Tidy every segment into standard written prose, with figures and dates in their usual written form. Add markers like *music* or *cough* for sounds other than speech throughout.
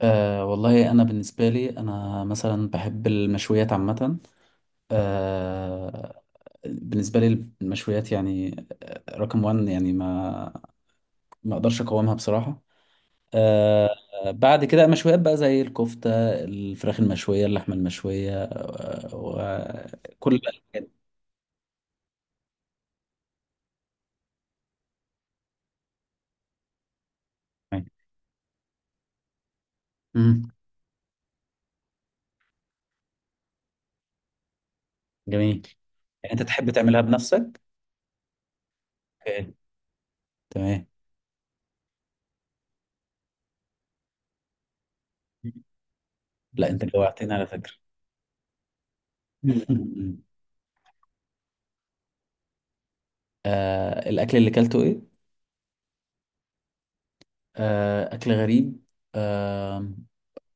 والله، أنا بالنسبة لي أنا مثلا بحب المشويات عامة. أه بالنسبة لي المشويات يعني رقم وان، يعني ما أقدرش أقاومها بصراحة. أه بعد كده مشويات بقى زي الكفتة، الفراخ المشوية، اللحمة المشوية وكل الأنواع. مم. جميل. يعني أنت تحب تعملها بنفسك؟ أوكي، تمام. لا أنت جوعتني على فكرة. *laughs* الأكل اللي كلته إيه؟ أكل غريب. آه،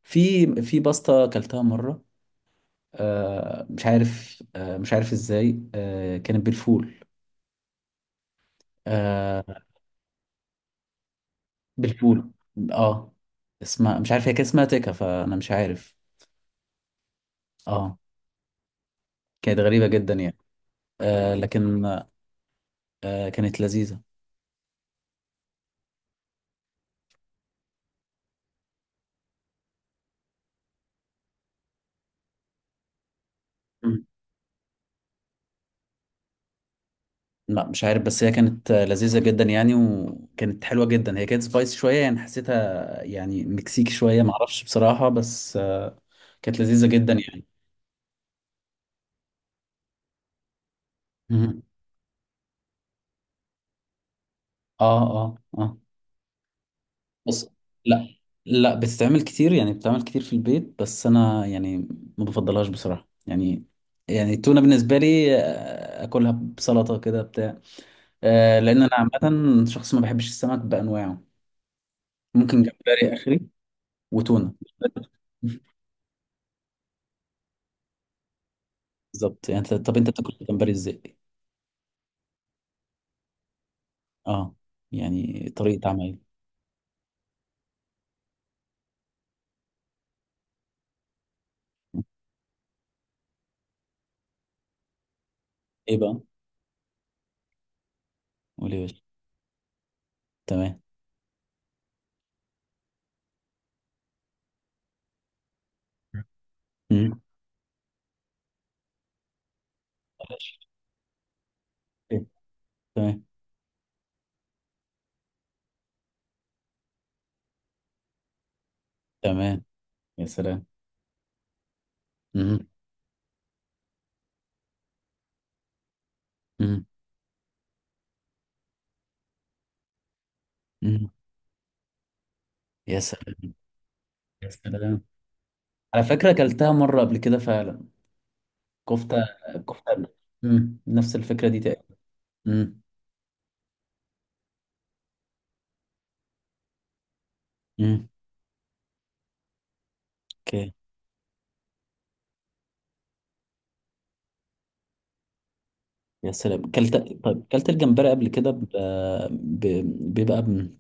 في باستا أكلتها مرة، مش عارف إزاي، كانت بالفول، آه، بالفول. اه اسمها مش عارف، هي كان اسمها تيكا، فأنا مش عارف اه كانت غريبة جدا يعني. لكن كانت لذيذة. مم. لا مش عارف، بس هي كانت لذيذة جدا يعني، وكانت حلوة جدا، هي كانت سبايسي شوية، يعني حسيتها يعني مكسيكي شوية، معرفش بصراحة، بس كانت لذيذة جدا يعني. مم. اه، اه، اه. بس لا، لا، بتتعمل كتير يعني، بتتعمل كتير في البيت، بس انا يعني ما بفضلهاش بصراحة يعني التونة بالنسبة لي اكلها بسلطة كده بتاع. لان انا عامة شخص ما بحبش السمك بانواعه. ممكن جمبري اخري وتونة. *laughs* بالظبط، يعني طب انت بتاكل جمبري ازاي؟ اه، يعني طريقة عمل، ايه بقى؟ قولي يا باشا. تمام. مم. *laughs* بلاش. إيه؟ تمام. تمام. يا سلام. مم. مم. مم. يا سلام، يا سلام. على فكرة أكلتها مرة قبل كده فعلا، كفتة. كفتة. نفس الفكرة دي تقريبا. امم. امم، اوكي، يا سلام كلت. طيب، كلت الجمبري قبل كده ب... بيبقى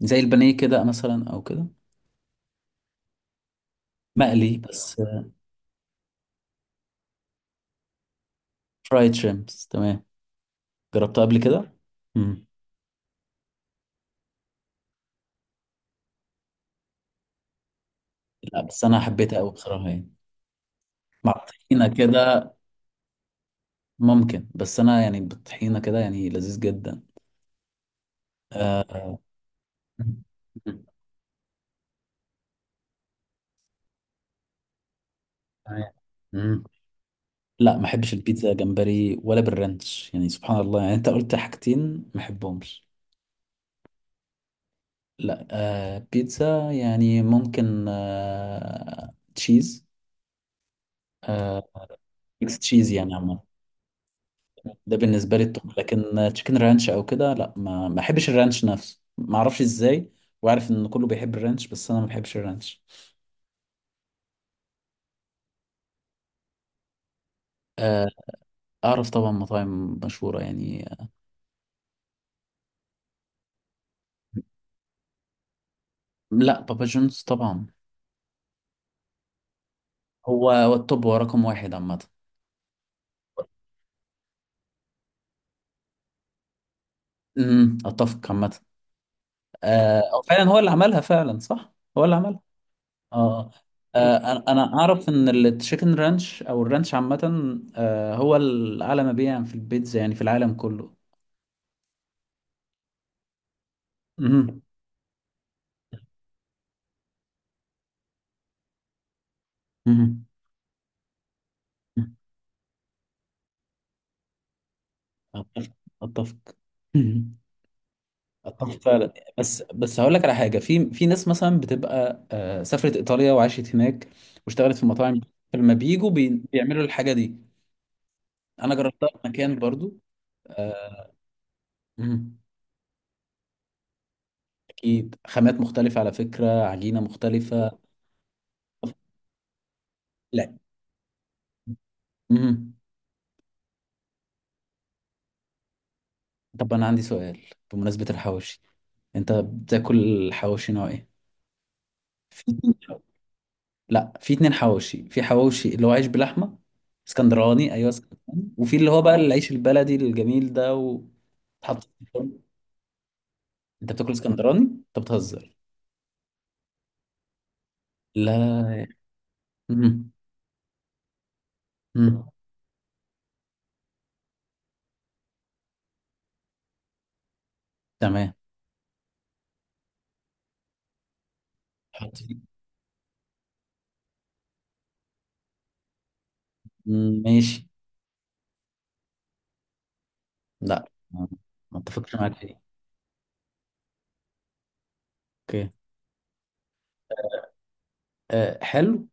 زي البانيه كده مثلا، أو كده مقلي بس. فرايد شريمبس، تمام. جربتها قبل كده. امم لا، بس أنا حبيتها أوي بصراحة يعني، مع الطحينة كده. ممكن، بس أنا يعني بالطحينة كده يعني لذيذ جدا. آه... مم. مم. تمام. مم. لا ما احبش البيتزا جمبري ولا بالرانش، يعني سبحان الله، يعني انت قلت حاجتين ما احبهمش. لا، بيتزا يعني ممكن تشيز، آه ميكس تشيز يعني عموما. ده بالنسبه لي التوب. لكن تشيكن رانش او كده، لا، ما احبش الرانش نفسه، ما اعرفش ازاي. وعارف ان كله بيحب الرانش، بس انا ما بحبش الرانش. آه اعرف طبعا مطاعم مشهوره يعني. لا، بابا جونز طبعا. هو التوب، هو رقم واحد عامه. اتفق عامه. أو فعلا هو اللي عملها فعلا، صح. هو اللي عملها. اه انا اعرف ان التشيكن رانش او الرانش عامه هو الاعلى مبيعا في البيتزا يعني في العالم كله. مهم. مهم. اتفق. اتفق. مهم. اتفق فعلا، بس هقول لك على حاجه. في ناس مثلا بتبقى سافرت ايطاليا وعاشت هناك واشتغلت في مطاعم، لما بيجوا بيعملوا الحاجه دي. انا جربتها في مكان برضو. مهم. اكيد خامات مختلفة على فكرة، عجينة مختلفة. لا. امم. طب انا عندي سؤال، بمناسبة الحواوشي، انت بتاكل حواوشي نوع ايه؟ في اتنين حواوشي. لا، في اتنين حواوشي، في حواوشي اللي هو عيش بلحمة، اسكندراني، ايوه، اسكندراني. وفي اللي هو بقى العيش البلدي الجميل ده وتحط في الفرن. انت بتاكل اسكندراني؟ انت بتهزر. لا. امم. امم. تمام. حط فيه. مم، ماشي. لا، ما اتفقش معاك في دي. اوكي. حلو.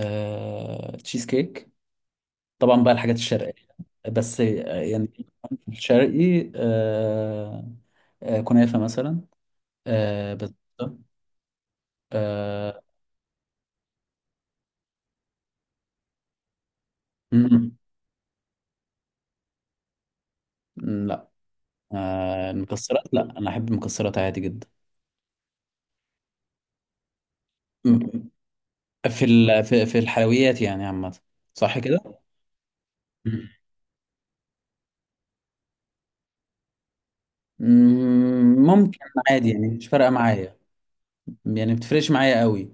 تشيز كيك، طبعا بقى الحاجات الشرقية. بس يعني الشرقي، كنافة مثلا بس آه، مم. مم. لا. المكسرات، لا أنا أحب المكسرات عادي جدا. مم. في الحلويات يعني عامة، صح كده؟ مم. مم، ممكن. عادي يعني، مش فارقة معايا، يعني بتفرقش معايا قوي.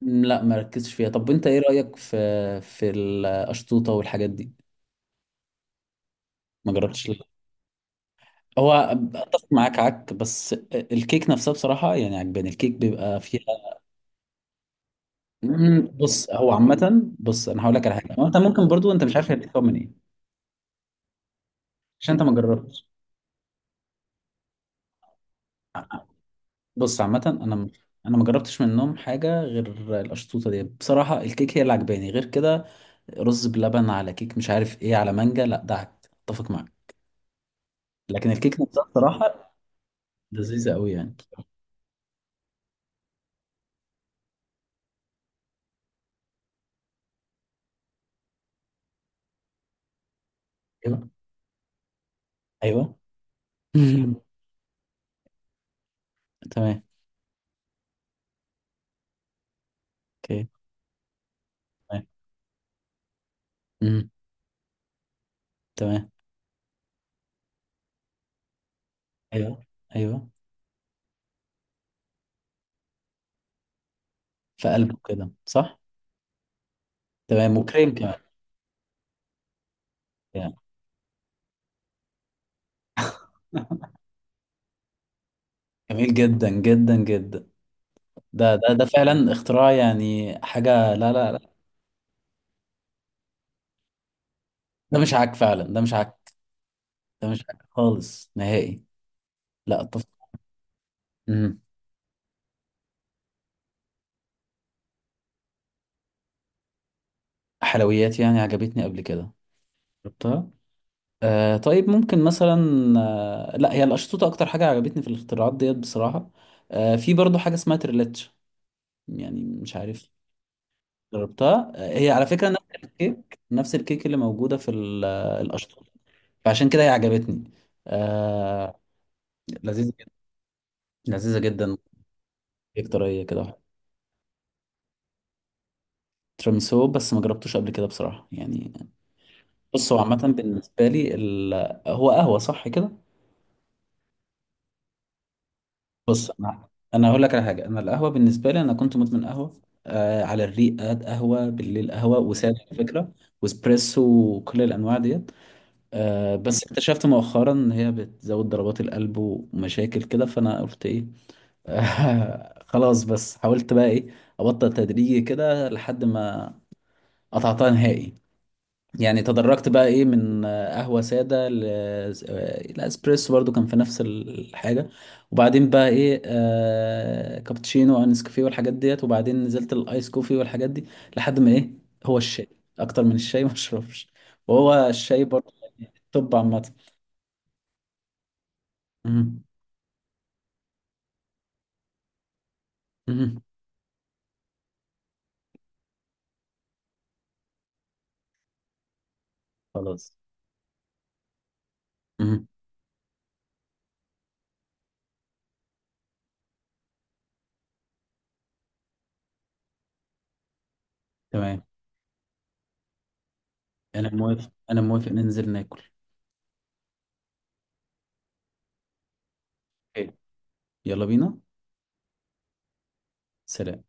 مم، لا مركزش فيها. طب وانت ايه رأيك في القشطوطة والحاجات دي؟ ما جربتش هو اتفق معاك عك، بس الكيك نفسها بصراحه يعني عجباني، الكيك بيبقى فيها. مم. بص هو عامه، بص انا هقول لك على حاجه، هو انت ممكن برضو، انت مش عارف هي بتتكون من ايه، عشان انت ما جربتش. بص عامه، انا ما جربتش منهم حاجه غير القشطوطه دي بصراحه. الكيك هي اللي عجباني، غير كده رز بلبن على كيك، مش عارف ايه، على مانجا، لا ده عك، اتفق معاك. لكن الكيك نفسها بصراحه لذيذه قوي يعني. ايوه، ايوه. *laughs* تمام. اوكي. تمام. مم. تمام. ايوه، ايوه، في قلبه كده، صح. تمام، وكريم كمان. يعني جميل جدا جدا جدا. ده فعلا اختراع، يعني حاجة، لا، لا، لا، ده مش عك فعلا، ده مش عك، ده مش عك خالص نهائي. لا مم. حلويات يعني عجبتني قبل كده، جربتها. طيب ممكن مثلا، لا، هي الأشطوطة أكتر حاجة عجبتني في الاختراعات ديت بصراحة. في برضو حاجة اسمها تريلاتش، يعني مش عارف. جربتها، هي على فكرة نفس الكيك، اللي موجودة في الأشطوطة، فعشان كده هي عجبتني. آه... لذيذة جدا، لذيذة جدا، كيك طرية كده. تيراميسو بس ما جربتوش قبل كده بصراحة يعني. بص هو عامة بالنسبة لي هو قهوة صح كده. بص أنا هقول لك على حاجة، أنا القهوة بالنسبة لي أنا كنت مدمن قهوة على الريق، قهوة بالليل، قهوة وسادة على فكرة، واسبريسو، وكل الأنواع ديت. بس اكتشفت مؤخرا ان هي بتزود ضربات القلب ومشاكل كده، فانا قلت ايه. *laughs* خلاص، بس حاولت بقى ايه، ابطل تدريجي كده لحد ما قطعتها نهائي. يعني تدرجت بقى ايه، من قهوة سادة الاسبريسو، برضو كان في نفس الحاجة. وبعدين بقى ايه كابتشينو وانس كوفي والحاجات ديت. وبعدين نزلت الايس كوفي والحاجات دي لحد ما ايه، هو الشاي. اكتر من الشاي ما *laughs* اشربش. وهو الشاي برضو، يعني التوب عامة. مم. مم. خلاص. مم. تمام. انا موافق، انا موافق، ننزل ناكل. حلو. يلا بينا، سلام.